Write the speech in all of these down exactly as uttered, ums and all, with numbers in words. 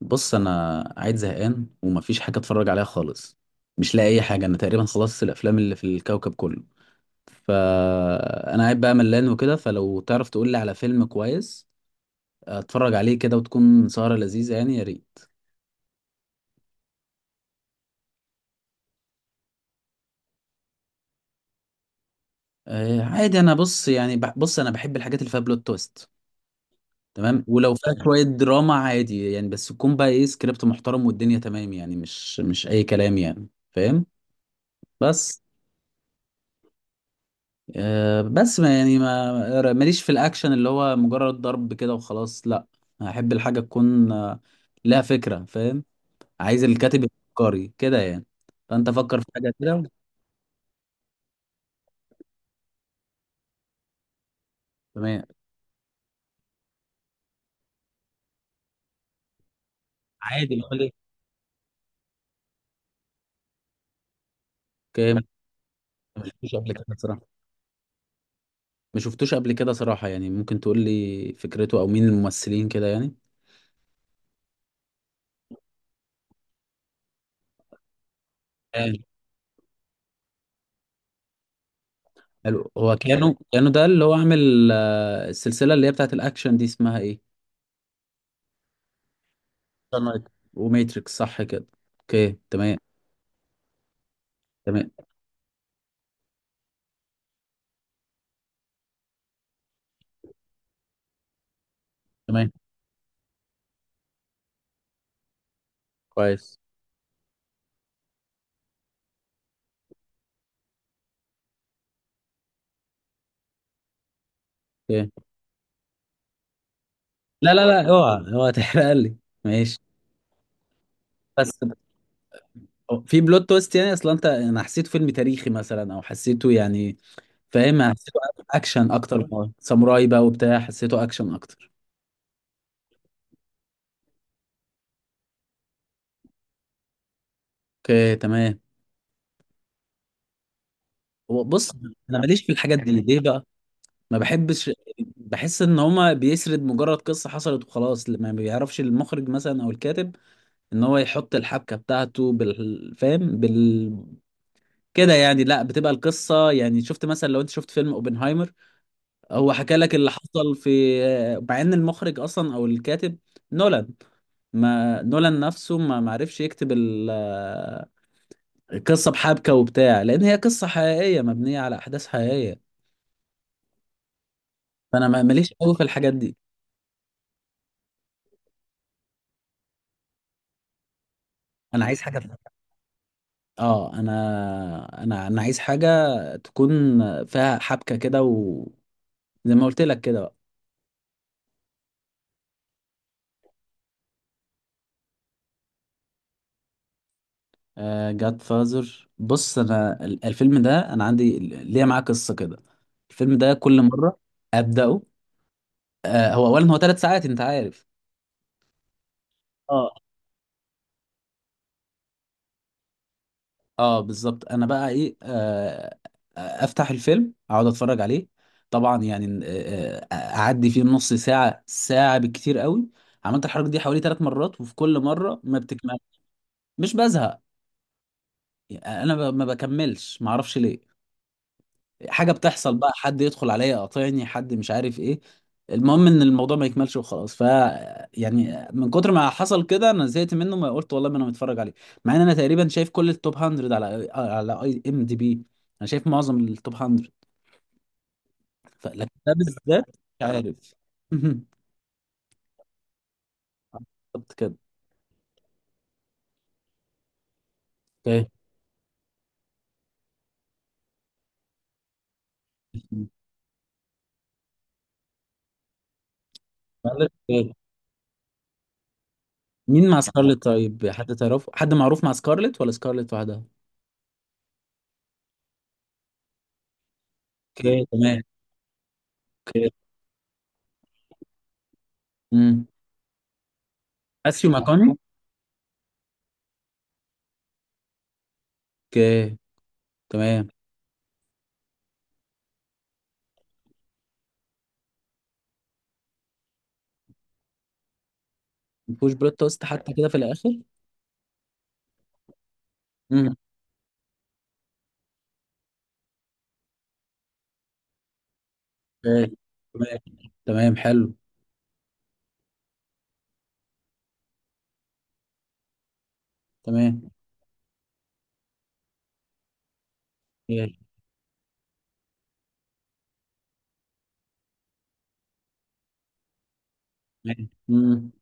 بص، انا قاعد زهقان ومفيش حاجه اتفرج عليها خالص. مش لاقي اي حاجه. انا تقريبا خلصت الافلام اللي في الكوكب كله. فانا قاعد بقى ملان وكده. فلو تعرف تقول لي على فيلم كويس اتفرج عليه كده، وتكون سهره لذيذه يعني، يا ريت. آه، عادي. انا بص يعني، بح- بص انا بحب الحاجات اللي فيها بلوت تويست. تمام، ولو فيها شويه دراما عادي يعني، بس تكون بقى ايه سكريبت محترم والدنيا تمام، يعني مش مش اي كلام يعني، فاهم. بس آه، بس ما يعني، ما ماليش في الاكشن اللي هو مجرد ضرب كده وخلاص، لا. احب الحاجه تكون آه، لها فكره، فاهم. عايز الكاتب يفكري كده يعني. فانت فكر في حاجه كده. تمام. عادي، بقول لك. أوكي، ما شفتوش قبل كده صراحه. ما شفتوش قبل كده صراحه يعني. ممكن تقول لي فكرته، او مين الممثلين كده يعني. آه، حلو. هو كانوا كانوا ده اللي هو عامل آه، السلسله اللي هي بتاعت الاكشن دي اسمها ايه؟ Sunlight. وماتريكس، صح كده. اوكي، تمام. تمام تمام، كويس. اوكي. لا لا لا، اوعى اوعى تحرق لي. ماشي. بس في بلوت تويست يعني. اصلا انت انا حسيته فيلم تاريخي مثلا، او حسيته يعني، فاهم؟ حسيته اكشن اكتر. ساموراي بقى وبتاع، حسيته اكشن اكتر. اوكي، تمام. هو بص، انا ماليش في الحاجات دي ليه بقى. ما بحبش. بحس ان هما بيسرد مجرد قصة حصلت وخلاص. ما بيعرفش المخرج مثلا، او الكاتب، ان هو يحط الحبكة بتاعته، بالفهم، بال فاهم؟ بال- كده يعني. لا، بتبقى القصة يعني، شفت مثلا، لو انت شفت فيلم اوبنهايمر، هو حكى لك اللي حصل، في، مع ان المخرج اصلا او الكاتب نولان، ما نولان نفسه ما معرفش يكتب ال- القصه بحبكه وبتاع، لان هي قصه حقيقيه مبنيه على احداث حقيقيه. فانا ما- ماليش قوي في الحاجات دي. انا عايز حاجه فيها. اه انا انا انا عايز حاجه تكون فيها حبكه كده، وزي ما قلت لك كده بقى. جاد فازر، بص انا ال- الفيلم ده انا عندي ليه معاه قصه كده. الفيلم ده كل مره ابداه. آه، هو اولا هو ثلاث ساعات، انت عارف. اه اه، بالظبط. انا بقى ايه، آه آه، افتح الفيلم اقعد اتفرج عليه، طبعا يعني، آه آه، اعدي فيه نص ساعه ساعه بالكتير قوي. عملت الحركه دي حوالي ثلاث مرات، وفي كل مره ما بتكمل. مش بزهق يعني. انا، ب- ما بكملش، ما اعرفش ليه. حاجه بتحصل بقى، حد يدخل عليا يقاطعني، حد، مش عارف ايه. المهم ان الموضوع ما يكملش وخلاص. ف يعني من كتر ما حصل كده انا زهقت منه. ما قلت والله، ما انا متفرج عليه، مع ان انا تقريبا شايف كل التوب مائة على على اي ام دي بي. انا شايف معظم التوب مائة. ف... لكن ده بالذات مش عارف. بالظبط كده. اوكي. سكارلت، اوكي. مين مع سكارلت؟ طيب، حد تعرفه، حد معروف مع سكارلت ولا سكارلت وحدها؟ اوكي، تمام. اوكي. امم ماثيو ماكوني. اوكي، تمام. ما فيهوش بلوت تويست حتى كده في الاخر؟ امم تمام تمام، حلو. تمام. إيه، تمام. امم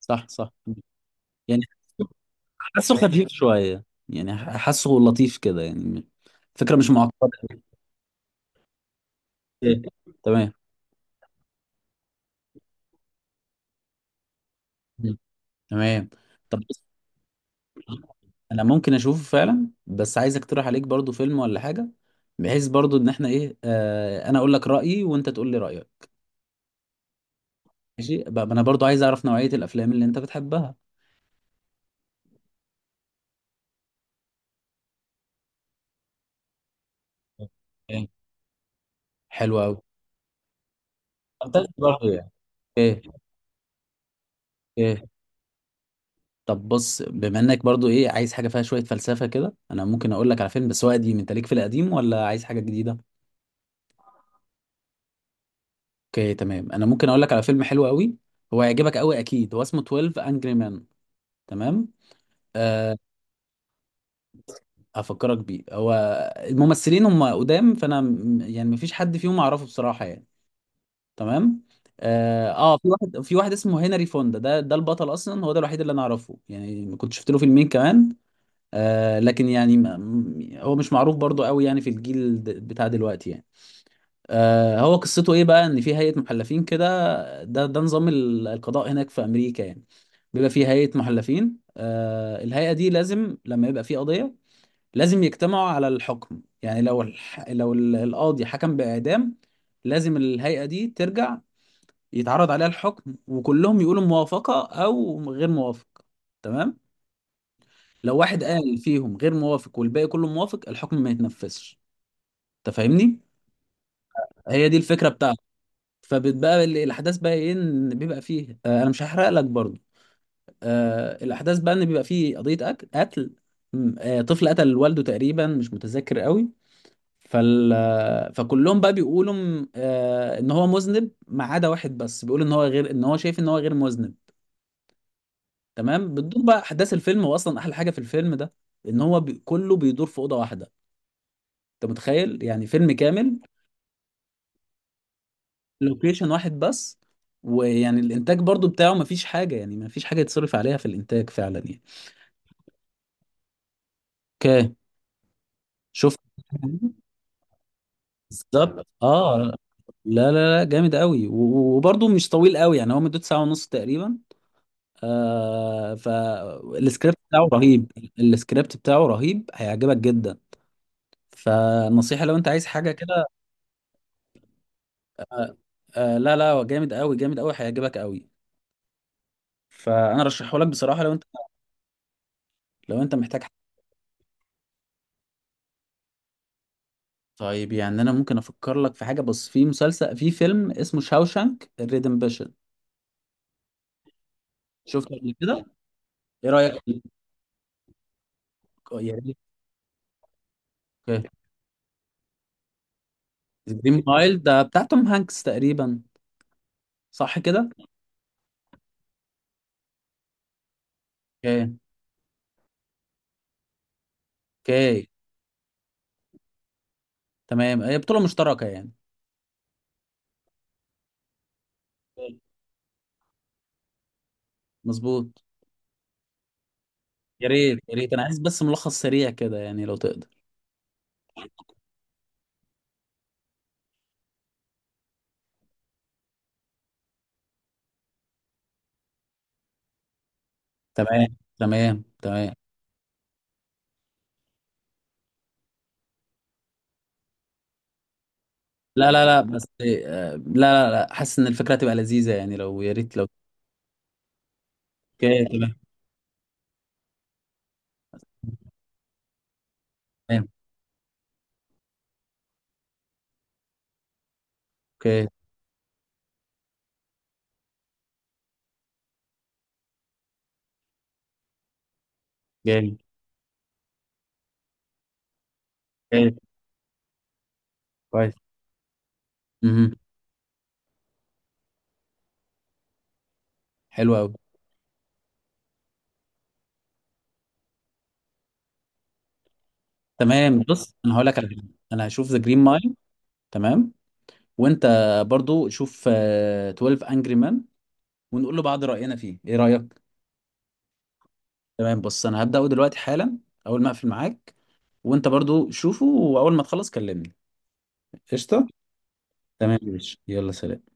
صح صح. يعني حاسه خفيف شويه، يعني حاسه لطيف كده يعني. فكره مش معقده. إيه، تمام. مم. تمام. طب بص، انا ممكن اشوفه فعلا، بس عايز اقترح عليك برضو فيلم ولا حاجه، بحيث برضو ان احنا ايه، آه انا اقول لك رايي وانت تقول لي رايك. ماشي بقى، انا برضو عايز اعرف نوعيه الافلام اللي انت بتحبها. تمام. حلو قوي. فانتازي برضه يعني. ايه ايه. طب بص، بما انك برضه ايه عايز حاجه فيها شويه فلسفه كده، انا ممكن اقول لك على فيلم، بس هو قديم. انت ليك في القديم، ولا عايز حاجه جديده؟ اوكي، تمام. انا ممكن اقول لك على فيلم حلو قوي، هو هيعجبك قوي اكيد. هو اسمه اتناشر انجري مان. تمام. أه. هفكرك بيه. هو الممثلين هم قدام، فانا، م- يعني مفيش حد فيهم اعرفه بصراحه يعني. تمام. اه، آه، في واحد، في واحد اسمه هنري فوندا. ده ده البطل اصلا، هو ده الوحيد اللي انا اعرفه يعني، كنت شفت له فيلمين كمان. آه، لكن يعني ما- م- هو مش معروف برضو قوي، يعني في الجيل د- بتاع دلوقتي يعني. آه هو قصته ايه بقى؟ ان في هيئة محلفين كده. ده ده نظام ال- القضاء هناك في امريكا يعني. بيبقى في هيئة محلفين. آه الهيئة دي لازم، لما يبقى في قضية، لازم يجتمعوا على الحكم. يعني لو الح... لو ال- القاضي حكم بإعدام، لازم الهيئة دي ترجع يتعرض عليها الحكم، وكلهم يقولوا موافقة او غير موافق. تمام. لو واحد قال فيهم غير موافق، والباقي كله موافق، الحكم ما يتنفذش. انت فاهمني. هي دي الفكره بتاعته. فبتبقى ال- الاحداث بقى ايه؟ ان بيبقى فيه، آه انا مش هحرق لك برضو. آه الاحداث بقى ان بيبقى فيه قضيه أك- قتل. م- آه طفل قتل والده تقريبا، مش متذكر قوي. فال آه، فكلهم بقى بيقولوا، م- آه ان هو مذنب، ما عدا واحد بس بيقول ان هو غير، ان هو شايف ان هو غير مذنب. تمام. بتدور بقى احداث الفيلم. واصلا احلى حاجه في الفيلم ده، ان هو بي... كله بيدور في اوضه واحده. انت متخيل؟ يعني فيلم كامل لوكيشن واحد بس. ويعني الانتاج برضو بتاعه مفيش حاجه، يعني مفيش حاجه يتصرف عليها في الانتاج فعلا يعني. اوكي. شفت. بالظبط، اه. لا لا لا، جامد قوي، و- وبرضو مش طويل قوي، يعني هو مدته ساعه ونص تقريبا. آه، فالسكريبت بتاعه رهيب. السكريبت بتاعه رهيب، هيعجبك جدا. فنصيحه لو انت عايز حاجه كده. آه آه، لا لا، هو جامد قوي، جامد قوي، هيعجبك قوي. فانا رشحه لك بصراحه. لو انت لو انت محتاج. طيب يعني، انا ممكن افكر لك في حاجه، بس في مسلسل، في فيلم اسمه شاوشانك ريدمبشن. شفته قبل كده؟ ايه رايك فيه؟ آه، يا ريت. اوكي. جرين مايل ده بتاع توم هانكس تقريبا، صح كده؟ اوكي. اوكي، تمام. هي بطوله مشتركه يعني. أوكي، مظبوط. يا ريت يا ريت، انا عايز بس ملخص سريع كده يعني لو تقدر. تمام تمام تمام. لا لا لا، بس. آه، لا. لا لا، حاسس ان الفكره هتبقى لذيذه يعني، لو، يا ريت، لو. اوكي، تمام. تمام. اوكي. جامد. اوكي. كويس. مهم. حلو قوي. تمام، بص انا هقول لك على حاجه. انا هشوف ذا جرين مايل. تمام. وانت برضو شوف آه، اثنا عشر انجري مان، ونقول لبعض راينا فيه ايه رايك. تمام. بص انا هبداه دلوقتي حالا، اول ما اقفل معاك. وانت برضو شوفه، واول ما تخلص كلمني. قشطه. تمام يا باشا، يلا، سلام.